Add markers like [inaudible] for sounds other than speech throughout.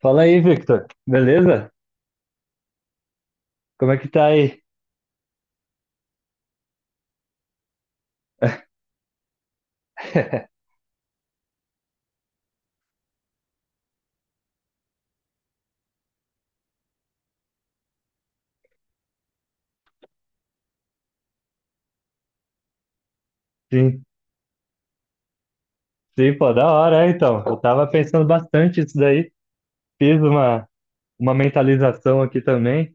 Fala aí, Victor. Beleza? Como é que tá aí? [laughs] Sim, sim, pô, da hora, então. Eu tava pensando bastante isso daí. Fiz uma, uma mentalização aqui também.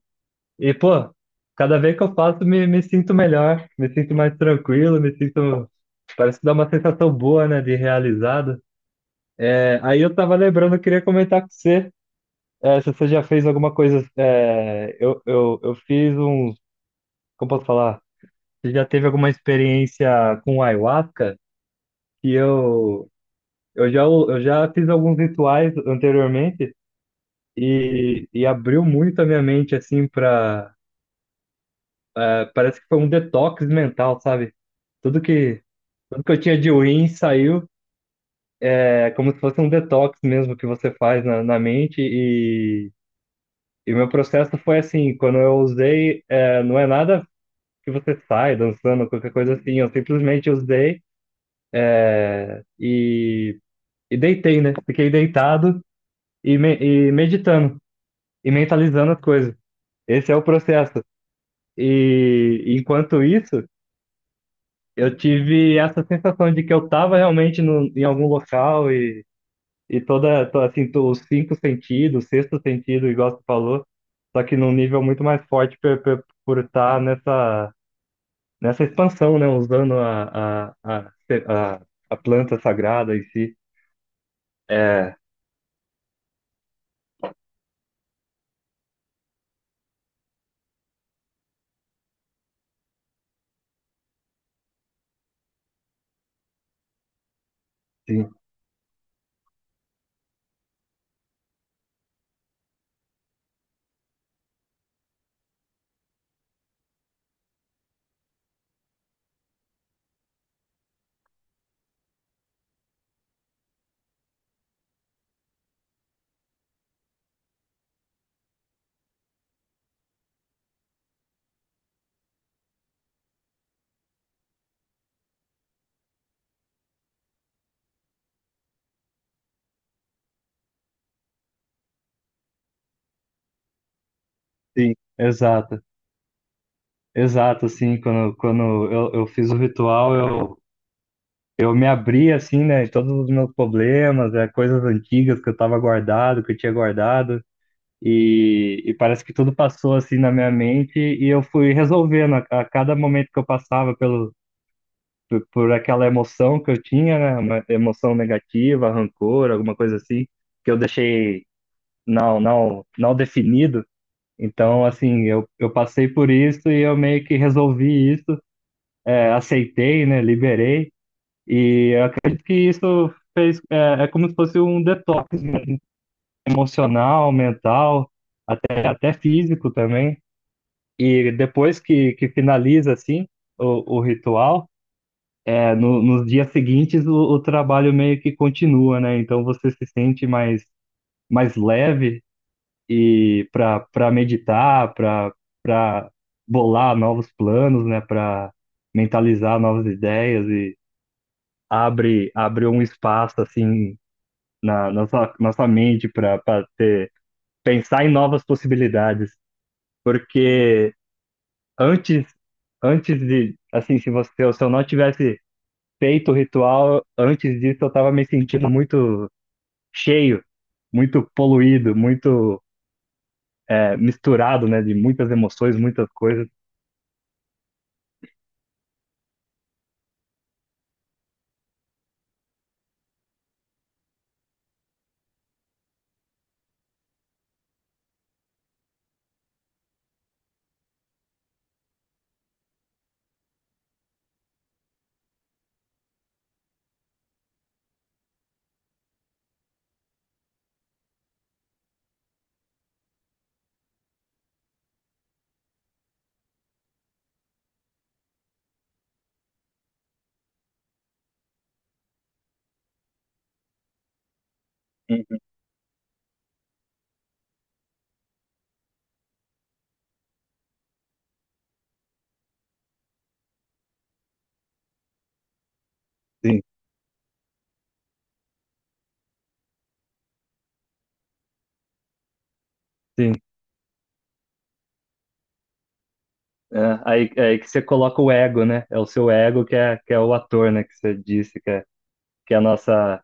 E, pô, cada vez que eu faço, me sinto melhor, me sinto mais tranquilo, me sinto. Parece que dá uma sensação boa, né, de realizado. É, aí eu tava lembrando, eu queria comentar com você, é, se você já fez alguma coisa. Eu fiz um. Como posso falar? Você já teve alguma experiência com ayahuasca? que eu, eu já, eu já fiz alguns rituais anteriormente e abriu muito a minha mente, assim, pra. Parece que foi um detox mental, sabe? Tudo que, tudo que eu tinha de ruim saiu. É como se fosse um detox mesmo que você faz na mente. E meu processo foi assim: quando eu usei, é, não é nada que você sai dançando, qualquer coisa assim. Eu simplesmente usei e, e deitei, né? Fiquei deitado e meditando e mentalizando as coisas. Esse é o processo. E enquanto isso, eu tive essa sensação de que eu estava realmente no, em algum local e toda, to- assim, to- os cinco sentidos, o sexto sentido, igual você falou, só que num nível muito mais forte por estar nessa expansão, né? Usando a, a planta sagrada em si. É, sim, sim, exato. Exato, sim. Quando eu fiz o ritual, Eu me abri assim, né, em todos os meus problemas, é, coisas antigas que eu tava guardado, que eu tinha guardado, e parece que tudo passou assim na minha mente e eu fui resolvendo a cada momento que eu passava por aquela emoção que eu tinha, né, uma emoção negativa, rancor, alguma coisa assim, que eu deixei não definido. Então, assim, eu passei por isso e eu meio que resolvi isso, é, aceitei, né, liberei. E eu acredito que isso fez, é como se fosse um detox emocional, mental, até físico também. E depois que finaliza assim o ritual, é, no, nos dias seguintes o trabalho meio que continua, né? Então você se sente mais leve e para meditar, para bolar novos planos, né? Para mentalizar novas ideias e abre um espaço assim na, nossa nossa mente para ter pensar em novas possibilidades, porque antes antes de assim, se eu não tivesse feito o ritual, antes disso eu tava me sentindo muito cheio, muito poluído, muito é, misturado, né, de muitas emoções, muitas coisas. Uhum. Sim, sim. É, é aí que você coloca o ego, né? É o seu ego que é o ator, né? Que você disse que é a nossa.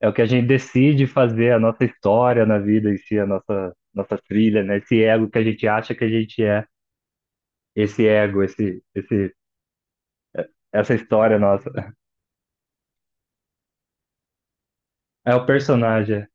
É o que a gente decide fazer, a nossa história na vida em si, nossa trilha, né? Esse ego que a gente acha que a gente é, esse ego, esse, essa história nossa. É o personagem. É.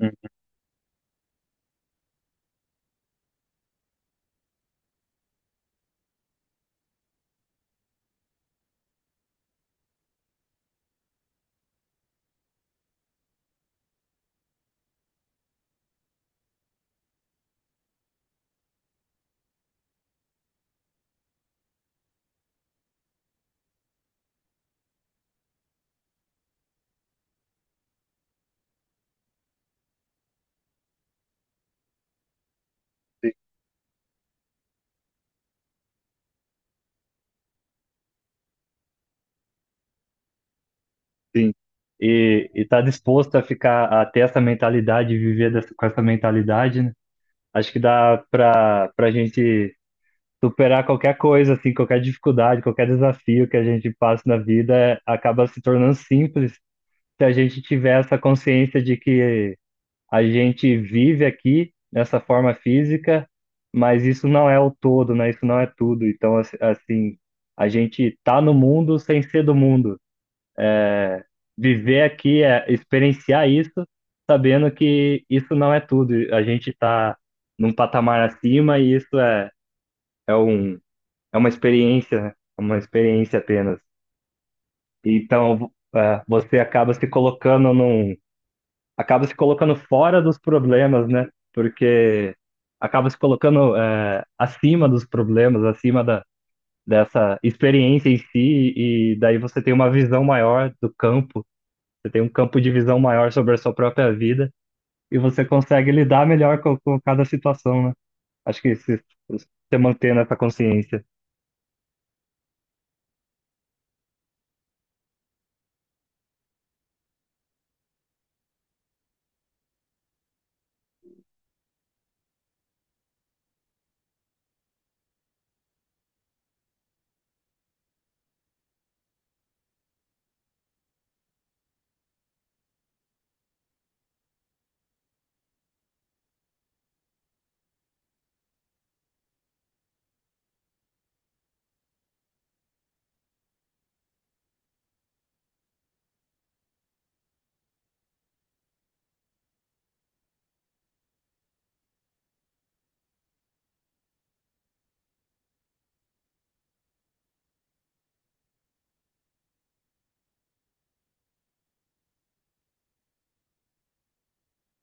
Hum. Sim. Sim. E tá disposto a ficar, a ter essa mentalidade, e viver dessa, com essa mentalidade, né? Acho que dá pra gente superar qualquer coisa, assim, qualquer dificuldade, qualquer desafio que a gente passa na vida, é- acaba se tornando simples se a gente tiver essa consciência de que a gente vive aqui nessa forma física, mas isso não é o todo, né? Isso não é tudo. Então, assim, a gente tá no mundo sem ser do mundo. Viver aqui é experienciar isso, sabendo que isso não é tudo. A gente tá num patamar acima e isso é, é um, é uma experiência, né? É uma experiência apenas. Então, você acaba se colocando num. Acaba se colocando fora dos problemas, né? Porque acaba se colocando é, acima dos problemas, dessa experiência em si, e daí você tem uma visão maior do campo, você tem um campo de visão maior sobre a sua própria vida, e você consegue lidar melhor com cada situação, né? Acho que se você mantendo essa consciência.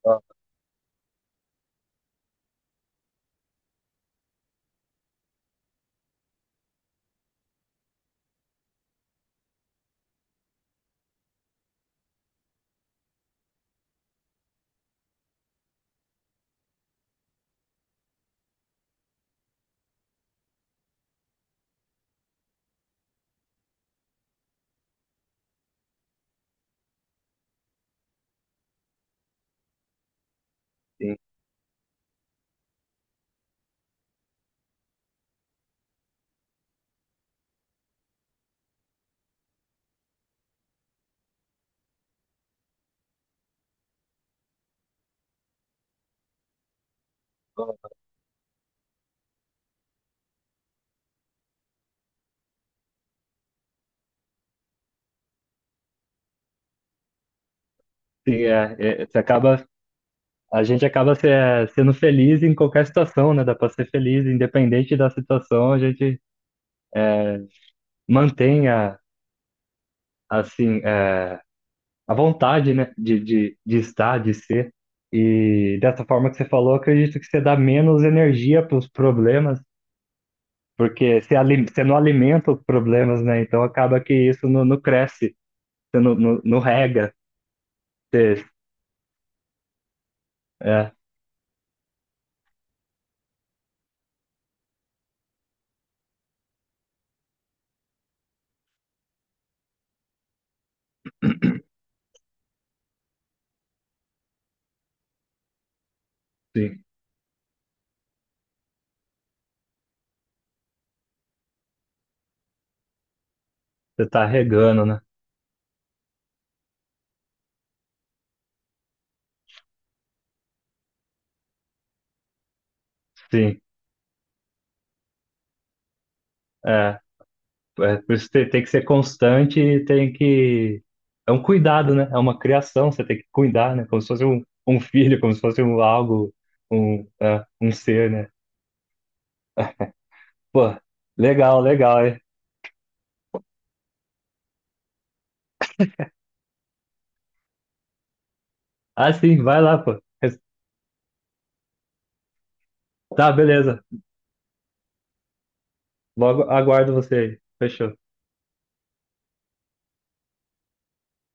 Ah, sim. Ah, sim, é, você acaba, a gente acaba é, sendo feliz em qualquer situação, né? Dá para ser feliz, independente da situação, a gente mantenha assim é, a vontade, né, de estar, de ser. E dessa forma que você falou, acredito que você dá menos energia para os problemas, porque você, você não alimenta os problemas, né? Então acaba que isso não cresce, você não rega. Você, é, sim, você está regando, né? Sim. É. É, por isso tem, tem que ser constante e tem que. É um cuidado, né? É uma criação, você tem que cuidar, né? Como se fosse um, um filho, como se fosse um algo, um, é, um ser, né? Pô, legal, legal, é. Ah, sim, vai lá, pô. Tá, beleza. Logo aguardo você aí. Fechou.